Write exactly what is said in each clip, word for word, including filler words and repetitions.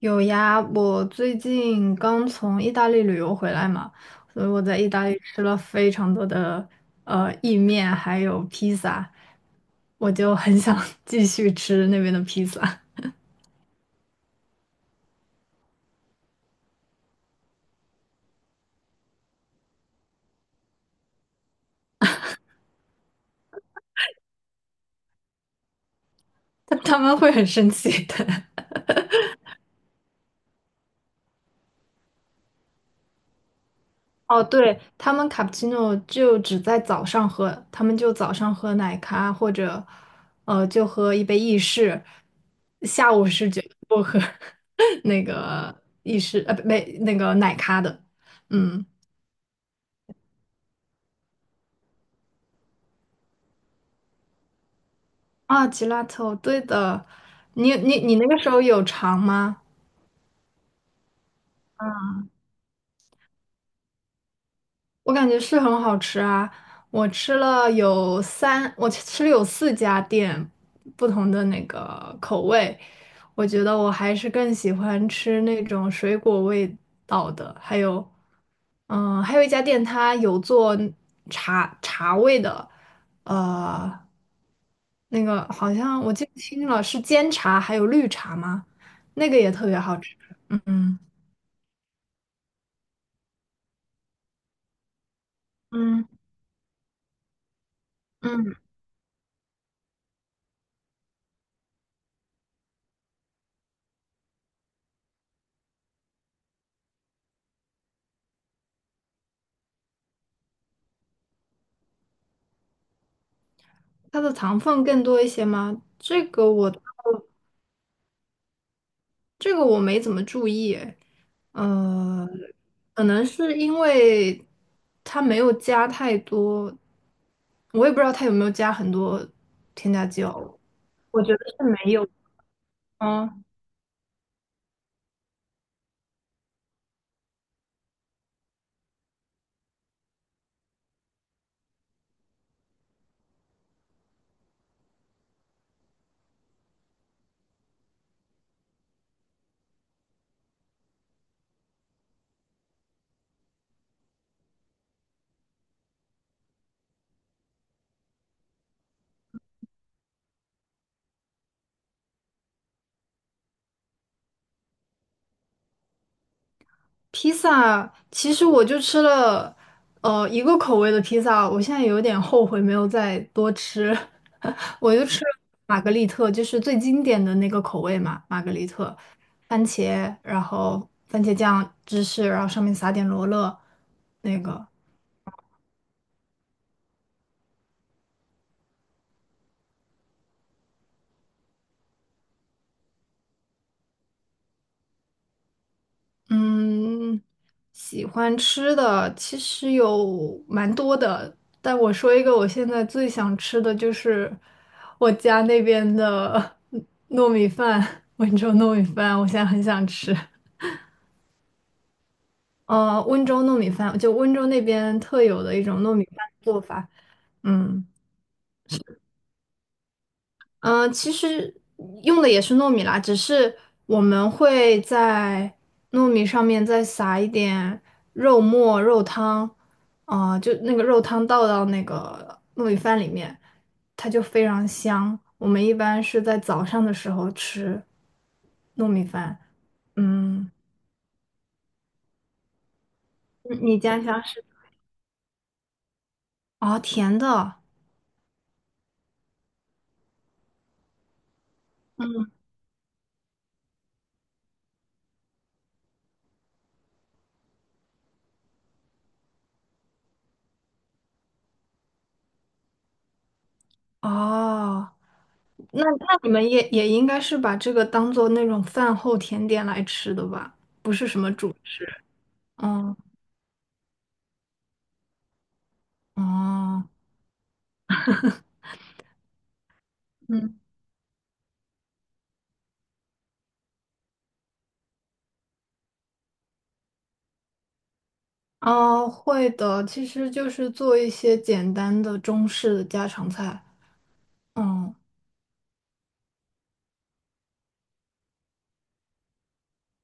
有呀，我最近刚从意大利旅游回来嘛，所以我在意大利吃了非常多的呃意面，还有披萨，我就很想 继续吃那边的披萨，但他们会很生气的。哦，对，他们卡布奇诺就只在早上喝，他们就早上喝奶咖或者呃就喝一杯意式，下午是绝对不喝 那个意式呃不没那个奶咖的，嗯。啊，吉拉头，对的，你你你那个时候有尝吗？我感觉是很好吃啊！我吃了有三，我吃了有四家店不同的那个口味，我觉得我还是更喜欢吃那种水果味道的。还有，嗯，还有一家店它有做茶茶味的，呃，那个好像我记不清了，是煎茶还有绿茶吗？那个也特别好吃。嗯，嗯，嗯。它的糖分更多一些吗？这个我这个我没怎么注意诶呃，可能是因为它没有加太多，我也不知道它有没有加很多添加剂哦，我觉得是没有，嗯。披萨，其实我就吃了，呃，一个口味的披萨，我现在有点后悔没有再多吃，我就吃了玛格丽特，就是最经典的那个口味嘛。玛格丽特，番茄，然后番茄酱、芝士，然后上面撒点罗勒，那个。嗯，喜欢吃的其实有蛮多的，但我说一个，我现在最想吃的就是我家那边的 糯米饭。温州糯米饭，我现在很想吃。呃，温州糯米饭，就温州那边特有的一种糯米饭做法。嗯。嗯、呃其实用的也是糯米啦，只是我们会在糯米上面再撒一点肉末、肉汤，啊、就那个肉汤倒到那个糯米饭里面，它就非常香。我们一般是在早上的时候吃糯米饭。嗯，你你家乡是哦，甜的。哦，那那你们也也应该是把这个当做那种饭后甜点来吃的吧？不是什么。主。嗯，哦，嗯。啊，会的，其实就是做一些简单的中式的家常菜。嗯，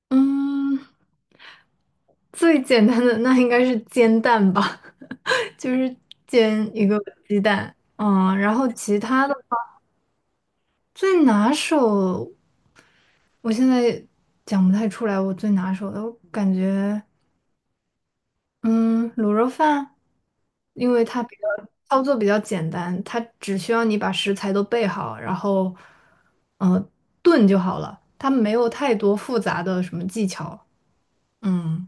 嗯，最简单的那应该是煎蛋吧，就是煎一个鸡蛋。嗯，然后其他的最拿手，我现在讲不太出来我最拿手的，我感觉。嗯，卤肉饭，因为它比较操作比较简单，它只需要你把食材都备好，然后，呃，炖就好了，它没有太多复杂的什么技巧。嗯，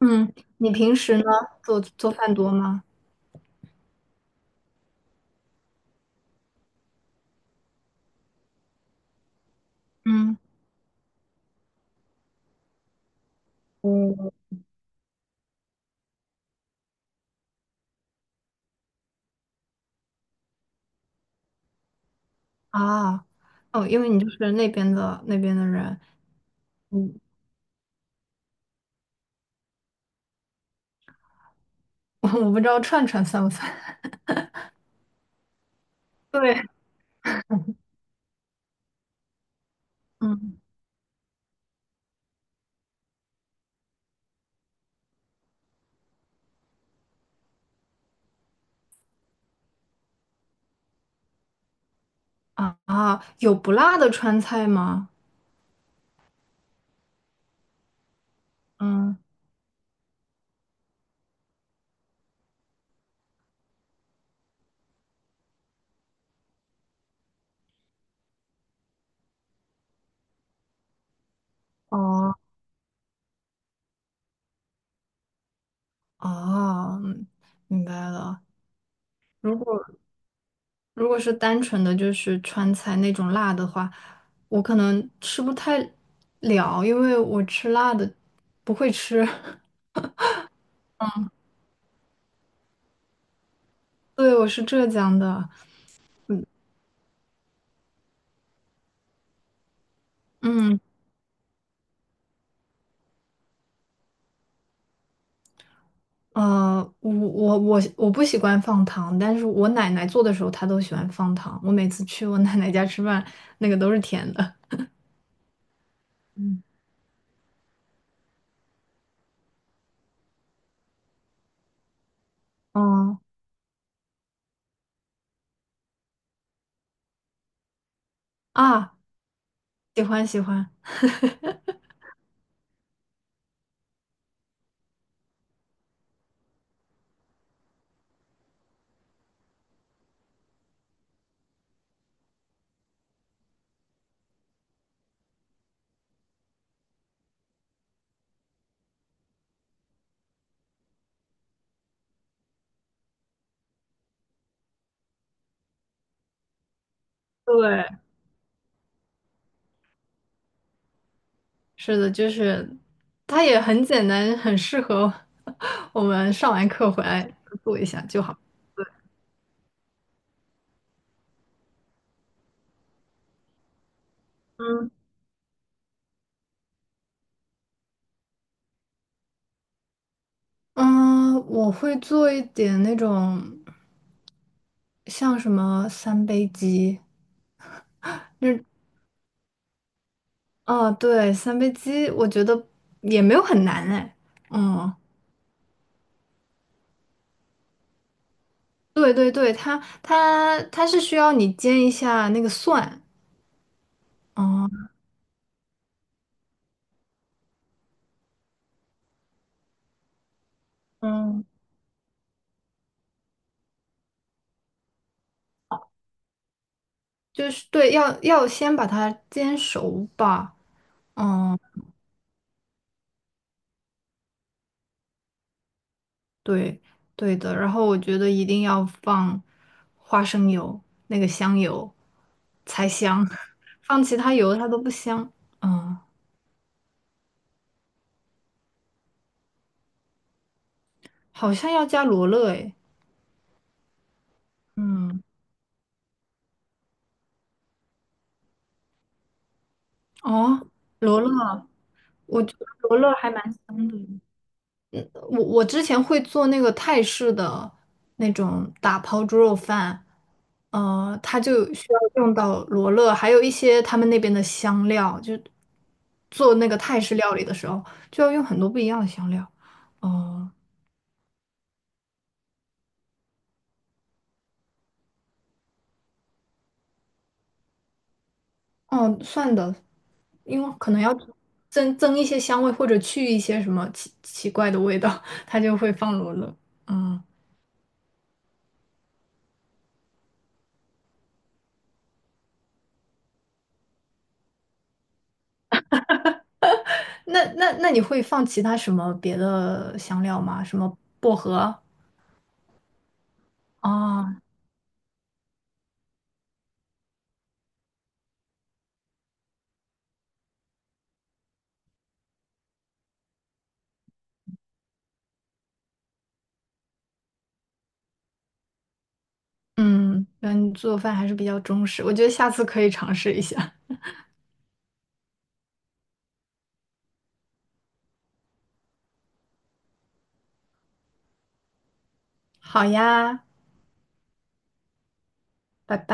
嗯，你平时呢做做饭多吗？嗯，嗯，啊，哦，因为你就是那边的那边的人。嗯，我不知道串串算不算。对，嗯，啊，啊，有不辣的川菜吗？嗯，哦。哦，嗯，明白了。如果如果是单纯的就是川菜那种辣的话，我可能吃不太了，因为我吃辣的不会吃。对，我是浙江的，嗯，嗯，呃，我我我我不喜欢放糖，但是我奶奶做的时候她都喜欢放糖。我每次去我奶奶家吃饭，那个都是甜的。嗯，哦，啊，喜欢喜欢。对，是的，就是它也很简单，很适合 我们上完课回来做一下就好。嗯，嗯，我会做一点那种像什么三杯鸡。那啊，对，三杯鸡，我觉得也没有很难哎。嗯，对对对，它它它是需要你煎一下那个蒜。嗯，嗯，就是对，要要先把它煎熟吧。嗯。对，对的。然后我觉得一定要放花生油，那个香油才香，放其他油它都不香。嗯，好像要加罗勒诶。嗯，哦，罗勒，我觉得罗勒还蛮香的。我我之前会做那个泰式的那种打抛猪肉饭，呃，它就需要用到罗勒，还有一些他们那边的香料，就做那个泰式料理的时候就要用很多不一样的香料。哦、哦，算的，因为可能要增增一些香味或者去一些什么奇奇怪的味道，它就会放罗勒。嗯，那那那你会放其他什么别的香料吗？什么薄荷？啊？嗯，那你做饭还是比较中式，我觉得下次可以尝试一下。好呀，拜拜。